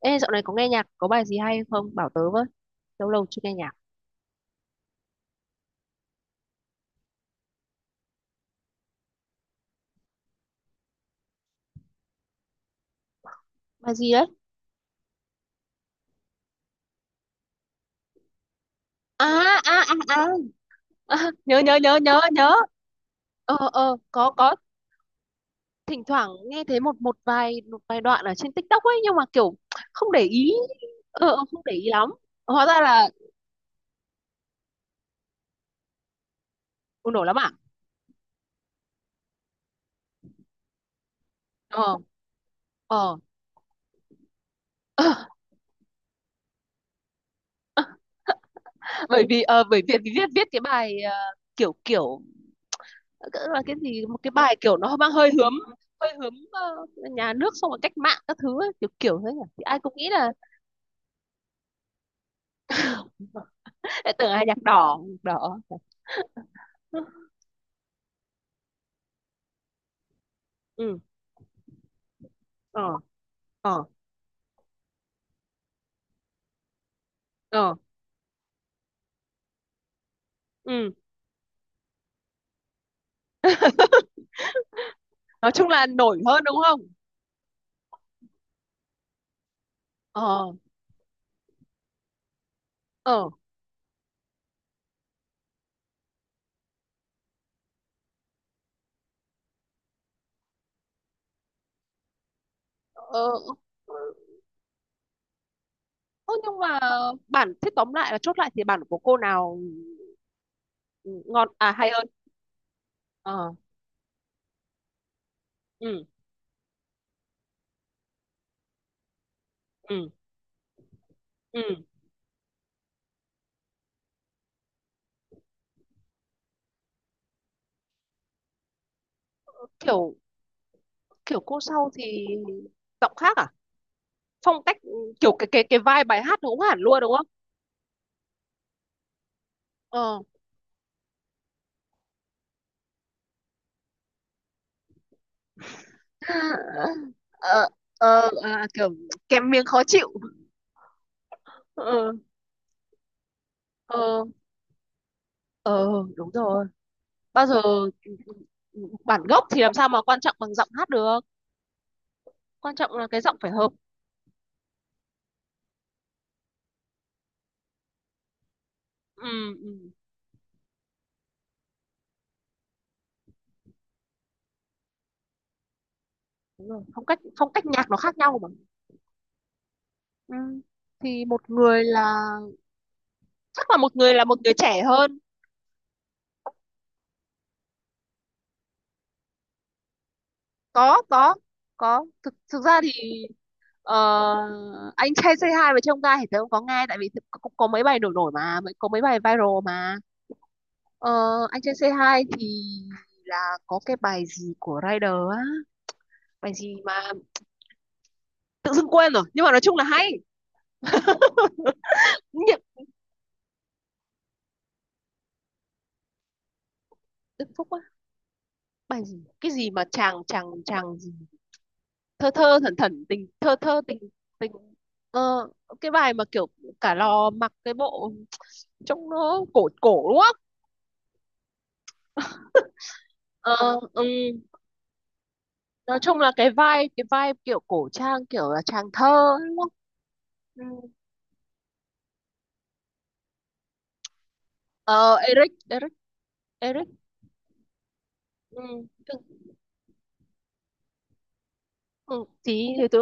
Ê, dạo này có nghe nhạc, có bài gì hay không? Bảo tớ với. Lâu lâu chưa nghe nhạc. Bài gì đấy? À, à, à, à. À nhớ, nhớ, nhớ, nhớ, nhớ. Ờ, ờ, có, có. Thỉnh thoảng nghe thấy một một vài đoạn ở trên TikTok ấy, nhưng mà kiểu không để ý. Ờ, ờ, không để ý lắm. Hóa ra là bùng nổ lắm à? Ờ, ờ. Bởi vì, bởi vì viết cái bài kiểu, kiểu, cỡ là cái gì, một cái bài kiểu nó mang hơi hướng nhà nước xong rồi cách mạng các thứ ấy, kiểu kiểu thế nhỉ thì ai cũng nghĩ là lại tưởng là nhạc đỏ, nhạc đỏ. Ừ, ờ, ờ, ờ, ừ. Nói chung là nổi hơn đúng không? Ờ, ờ, ờ. Ơ, nhưng mà bản thế tóm lại là chốt lại thì bản của cô nào ngon à hay hơn? Ờ, ừ, ừ, ừ. Kiểu kiểu cô sau thì giọng khác à? Phong cách ừ, kiểu cái vibe bài hát nó cũng hẳn luôn đúng không? Ờ. Ờ, ờ, à, kiểu kèm miếng khó chịu. Ờ, ờ, ờ, đúng rồi. Bao giờ bản gốc thì làm sao mà quan trọng bằng giọng hát được. Quan trọng là cái giọng phải hợp. Ừ, ừ, đúng rồi. Phong cách nhạc nó khác nhau mà. Ừ. Thì một người là, chắc là một người trẻ hơn. Có có có, thực thực ra thì ờ, anh trai Say hai và trông gai thì tớ cũng có nghe, tại vì cũng có mấy bài nổi nổi mà mới, có mấy bài viral mà. Ờ, anh trai Say hai thì là có cái bài gì của Rider á, bài gì mà tự dưng quên rồi nhưng mà nói chung là hay. Nhiệm Đức Phúc á, bài gì, cái gì mà chàng chàng chàng gì, thơ thơ thẩn thẩn tình thơ thơ tình tình ờ, cái bài mà kiểu cả lò mặc cái bộ trông nó cổ cổ đúng không? Ờ, ừ. Nói chung là cái vai kiểu cổ trang, kiểu là chàng thơ đúng không? Ừ. Ờ, Eric Eric Eric. Ừ. Thứ- ừ. Tí thì tớ,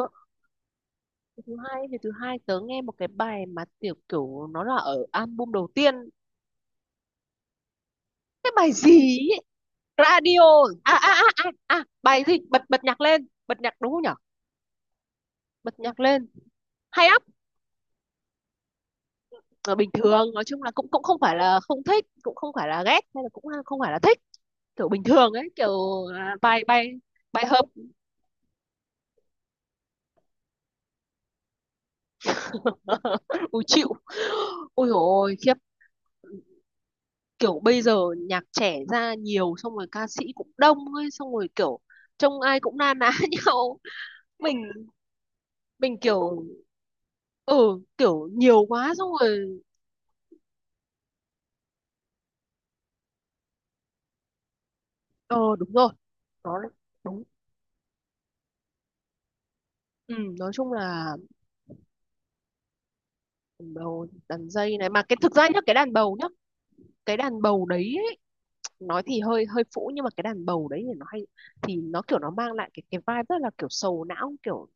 thứ hai tớ nghe một cái bài mà tiểu, kiểu nó là ở album đầu tiên, cái bài gì ấy? Radio. À, bài gì bật, nhạc lên, bật nhạc, đúng không nhở? Bật nhạc lên, hay lắm. Ở bình thường nói chung là cũng cũng không phải là không thích, cũng không phải là ghét, hay là cũng à, không phải là thích, kiểu bình thường ấy, kiểu à, bài bài bài hợp. Ui chịu, ôi dồi ôi khiếp. Kiểu bây giờ nhạc trẻ ra nhiều, xong rồi ca sĩ cũng đông ấy, xong rồi kiểu trông ai cũng na ná nhau. mình mình kiểu, ừ, kiểu nhiều quá xong rồi. Ờ đúng rồi, nó đúng. Ừ, nói chung là đàn bầu, đàn dây này mà, cái thực ra nhá, cái đàn bầu nhá, cái đàn bầu đấy ấy, nói thì hơi hơi phũ nhưng mà cái đàn bầu đấy thì nó hay, thì nó kiểu nó mang lại cái vibe rất là kiểu sầu não, kiểu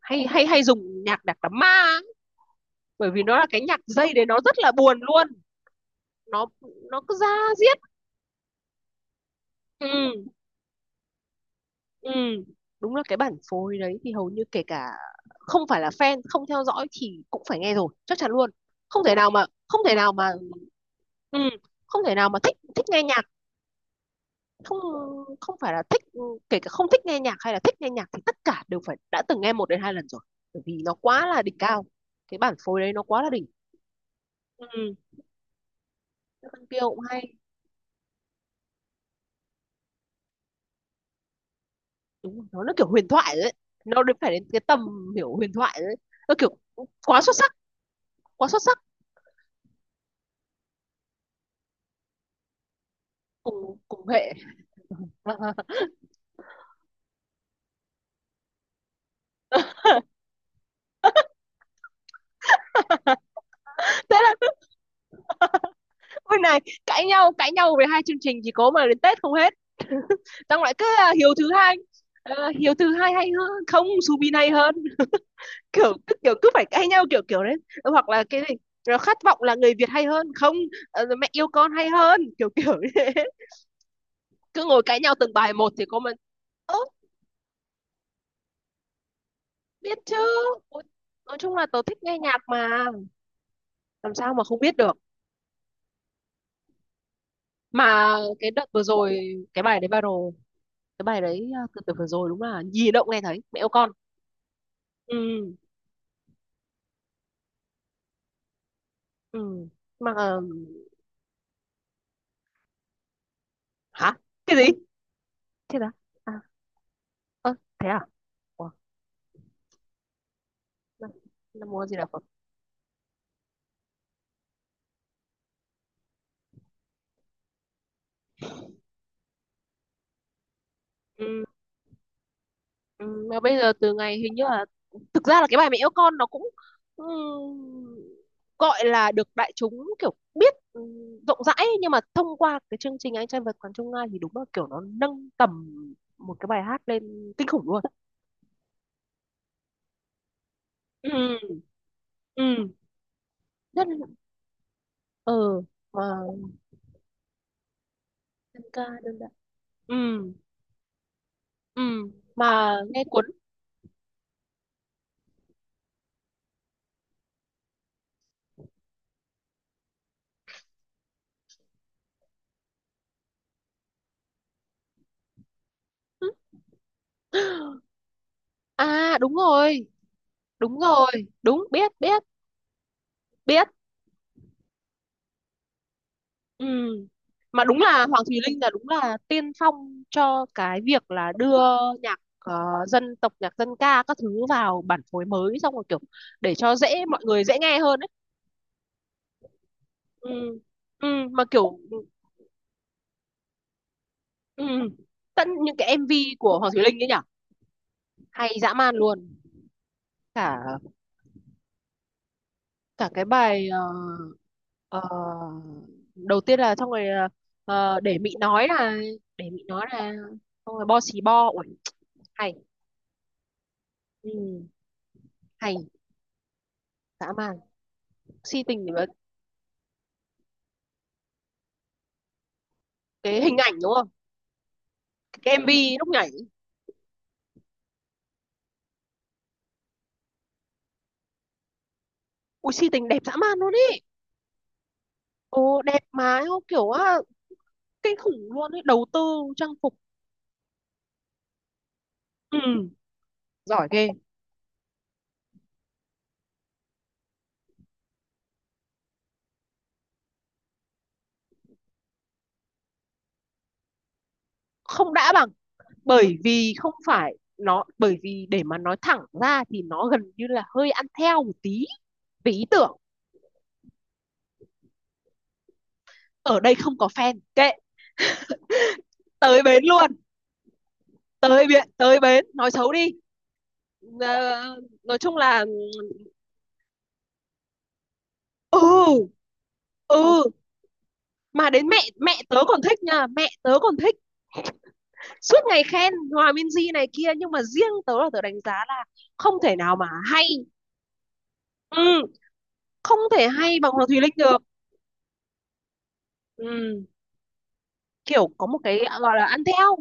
hay, hay dùng nhạc đạc đám ma ấy. Bởi vì nó là cái nhạc dây đấy, nó rất là buồn luôn. nó nó cứ ra diết. Ừ. Ừ, đúng là cái bản phối đấy thì hầu như kể cả không phải là fan, không theo dõi thì cũng phải nghe rồi, chắc chắn luôn. Không thể nào mà ừ, không thể nào mà thích, nghe nhạc, không không phải là thích, ừ, kể cả không thích nghe nhạc hay là thích nghe nhạc thì tất cả đều phải đã từng nghe một đến hai lần rồi, bởi vì nó quá là đỉnh cao. Cái bản phối đấy nó quá là đỉnh. Ừ, các bạn kia cũng hay, đúng rồi, nó kiểu huyền thoại đấy. Nó đến phải đến cái tầm hiểu huyền thoại đấy. Nó kiểu quá xuất sắc, quá xuất sắc, cùng cùng hệ. Thế là, ôi này, cãi nhau về hai chương trình chỉ có mà đến Tết không hết. Xong lại cứ à, Hiếu thứ hai, Hiếu thứ hai hay hơn không, Subin hay hơn, kiểu cứ phải cãi nhau kiểu kiểu đấy. Ờ, hoặc là cái gì, rồi khát vọng là người Việt hay hơn không, mẹ yêu con hay hơn kiểu kiểu như thế. Cứ ngồi cãi nhau từng bài một thì có mà. Ớ, biết chứ. Ôi, nói chung là tớ thích nghe nhạc mà, làm sao mà không biết được. Mà cái đợt vừa rồi cái bài đấy viral, cái bài đấy à, từ từ vừa rồi, đúng là gì động nghe thấy mẹ yêu con. Ừ, ừ, mà hả, cái gì, thế đó à? Ơ, thế à? Ủa, nam Nam mô A Di Phật. Ừ, ừ, mà bây giờ từ ngày hình như là, thực ra là cái bài mẹ yêu con nó cũng, ừ, gọi là được đại chúng kiểu biết, ừ, rộng rãi ấy, nhưng mà thông qua cái chương trình Anh trai vượt ngàn chông gai thì đúng là kiểu nó nâng tầm một cái bài hát lên kinh khủng luôn. Ừ, ừ, rất, ừ, mà dân ca đương đại, ừ, ừ, mà nghe cuốn. À đúng rồi, đúng rồi, đúng, biết biết biết. Ừ. Mà đúng là Hoàng Thùy Linh là đúng là tiên phong cho cái việc là đưa nhạc dân tộc, nhạc dân ca các thứ vào bản phối mới, xong rồi kiểu để cho dễ, mọi người dễ nghe hơn ấy. Ừ. Ừ. Mà kiểu, ừ, tận những cái MV của Hoàng Thùy Linh ấy nhở, hay dã man luôn. Cả Cả cái bài ờ, đầu tiên là, xong rồi ờ, để mị nói là, để mị nói là, xong rồi bo xì bo. Ui, hay, ừ, hay dã man. Si tình thì là, cái hình ảnh đúng không, cái MV lúc nhảy, ui si tình đẹp dã man luôn ý, ồ đẹp mà, ô, kiểu á, kinh khủng luôn ấy, đầu tư trang phục, ừ, giỏi ghê. Không đã bằng, bởi vì không phải, nó bởi vì để mà nói thẳng ra thì nó gần như là hơi ăn theo một tí về ý tưởng. Ở đây không có fan, kệ, tới bến luôn, tới bến nói xấu đi. Ờ, nói chung là, ừ, ừ, mà đến mẹ mẹ tớ còn thích nha, mẹ tớ còn thích, suốt ngày khen Hòa Minzy này kia, nhưng mà riêng tớ là tớ đánh giá là không thể nào mà hay, ừ, không thể hay bằng Hoàng Thùy Linh được. Ừ, kiểu có một cái à, gọi là ăn theo,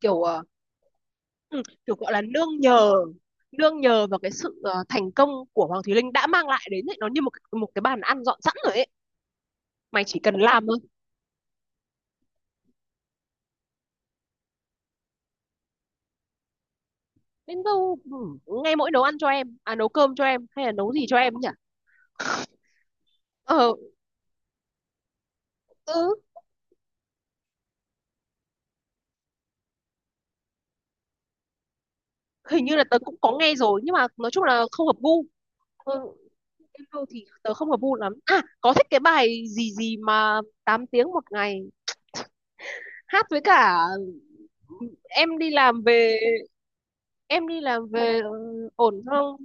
kiểu ừ, kiểu gọi là nương nhờ vào cái sự thành công của Hoàng Thùy Linh đã mang lại đến ấy, nó như một cái bàn ăn dọn sẵn rồi ấy, mày chỉ cần làm đến đâu. Ừ, ngay mỗi nấu ăn cho em, à nấu cơm cho em, hay là nấu gì cho em nhỉ? Ờ. Ừ, hình như là tớ cũng có nghe rồi nhưng mà nói chung là không hợp gu. Ừ, em đâu thì tớ không hợp gu lắm, à có thích cái bài gì gì mà 8 tiếng một ngày, hát với cả em đi làm về em đi làm về, ừ, ổn không,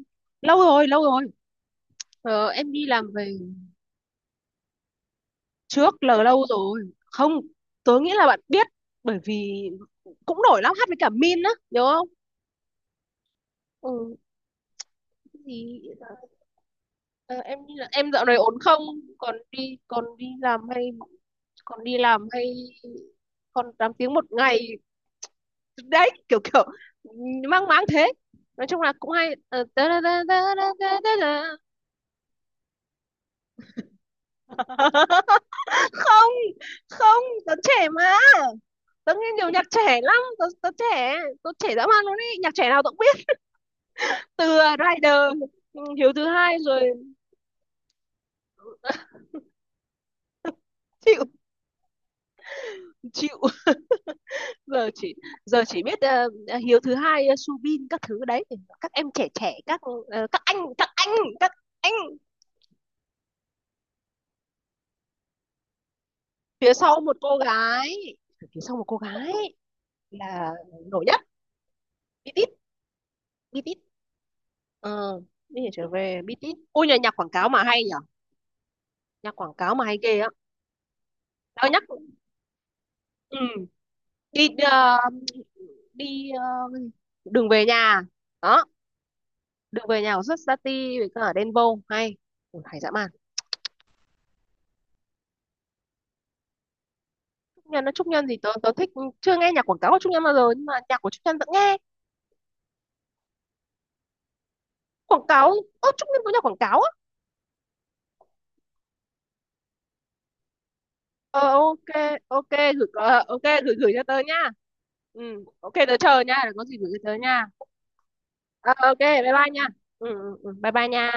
lâu rồi lâu rồi. Ờ, em đi làm về, trước là lâu rồi. Không, tớ nghĩ là bạn biết, bởi vì cũng nổi lắm, hát với cả Min á, nhớ không? Ừ, gì? Ờ, em nghĩ là em dạo này ổn không, còn đi làm hay, còn đi làm hay, còn 8 tiếng một ngày đấy, kiểu kiểu mang máng thế, nói chung là cũng hay. Ờ, tớ. Không, không tớ trẻ mà, tớ nghe nhiều nhạc trẻ lắm, tớ, tớ trẻ, tớ trẻ dã man luôn ý, nhạc trẻ nào tớ cũng biết, từ Rider, ừ, Hiếu thứ hai rồi. Chịu chịu. giờ chỉ Giờ chỉ biết ờ, ờ, Hiếu thứ hai, ờ, Subin các thứ đấy, các em trẻ trẻ các, ờ, các anh, phía sau một cô gái, phía sau một cô gái là nổi nhất. Bitit, Bitit, ờ bây giờ trở về Bitit, ôi nhà, nhạc quảng cáo mà hay nhở, nhạc quảng cáo mà hay ghê á. Tao nhắc, ừ. đi ờ, đi ờ, đường về nhà đó, đường về nhà của Sustati với cả Đen Vâu hay. Ừ, hay dã man. Nhân nó Trúc Nhân gì tớ, tớ thích. Chưa nghe nhạc quảng cáo của Trúc Nhân bao giờ nhưng mà nhạc của Trúc Nhân vẫn nghe, quảng cáo. Ơ, Trúc Nhân có nhạc quảng cáo á? Ờ, ok, ok, gửi, ok gửi gửi cho tớ nha. Ừ, ok, tớ chờ nha, có gì gửi cho tớ nha. Ờ, ok, bye bye nha. Ừ, ừ, ừ, bye bye nha.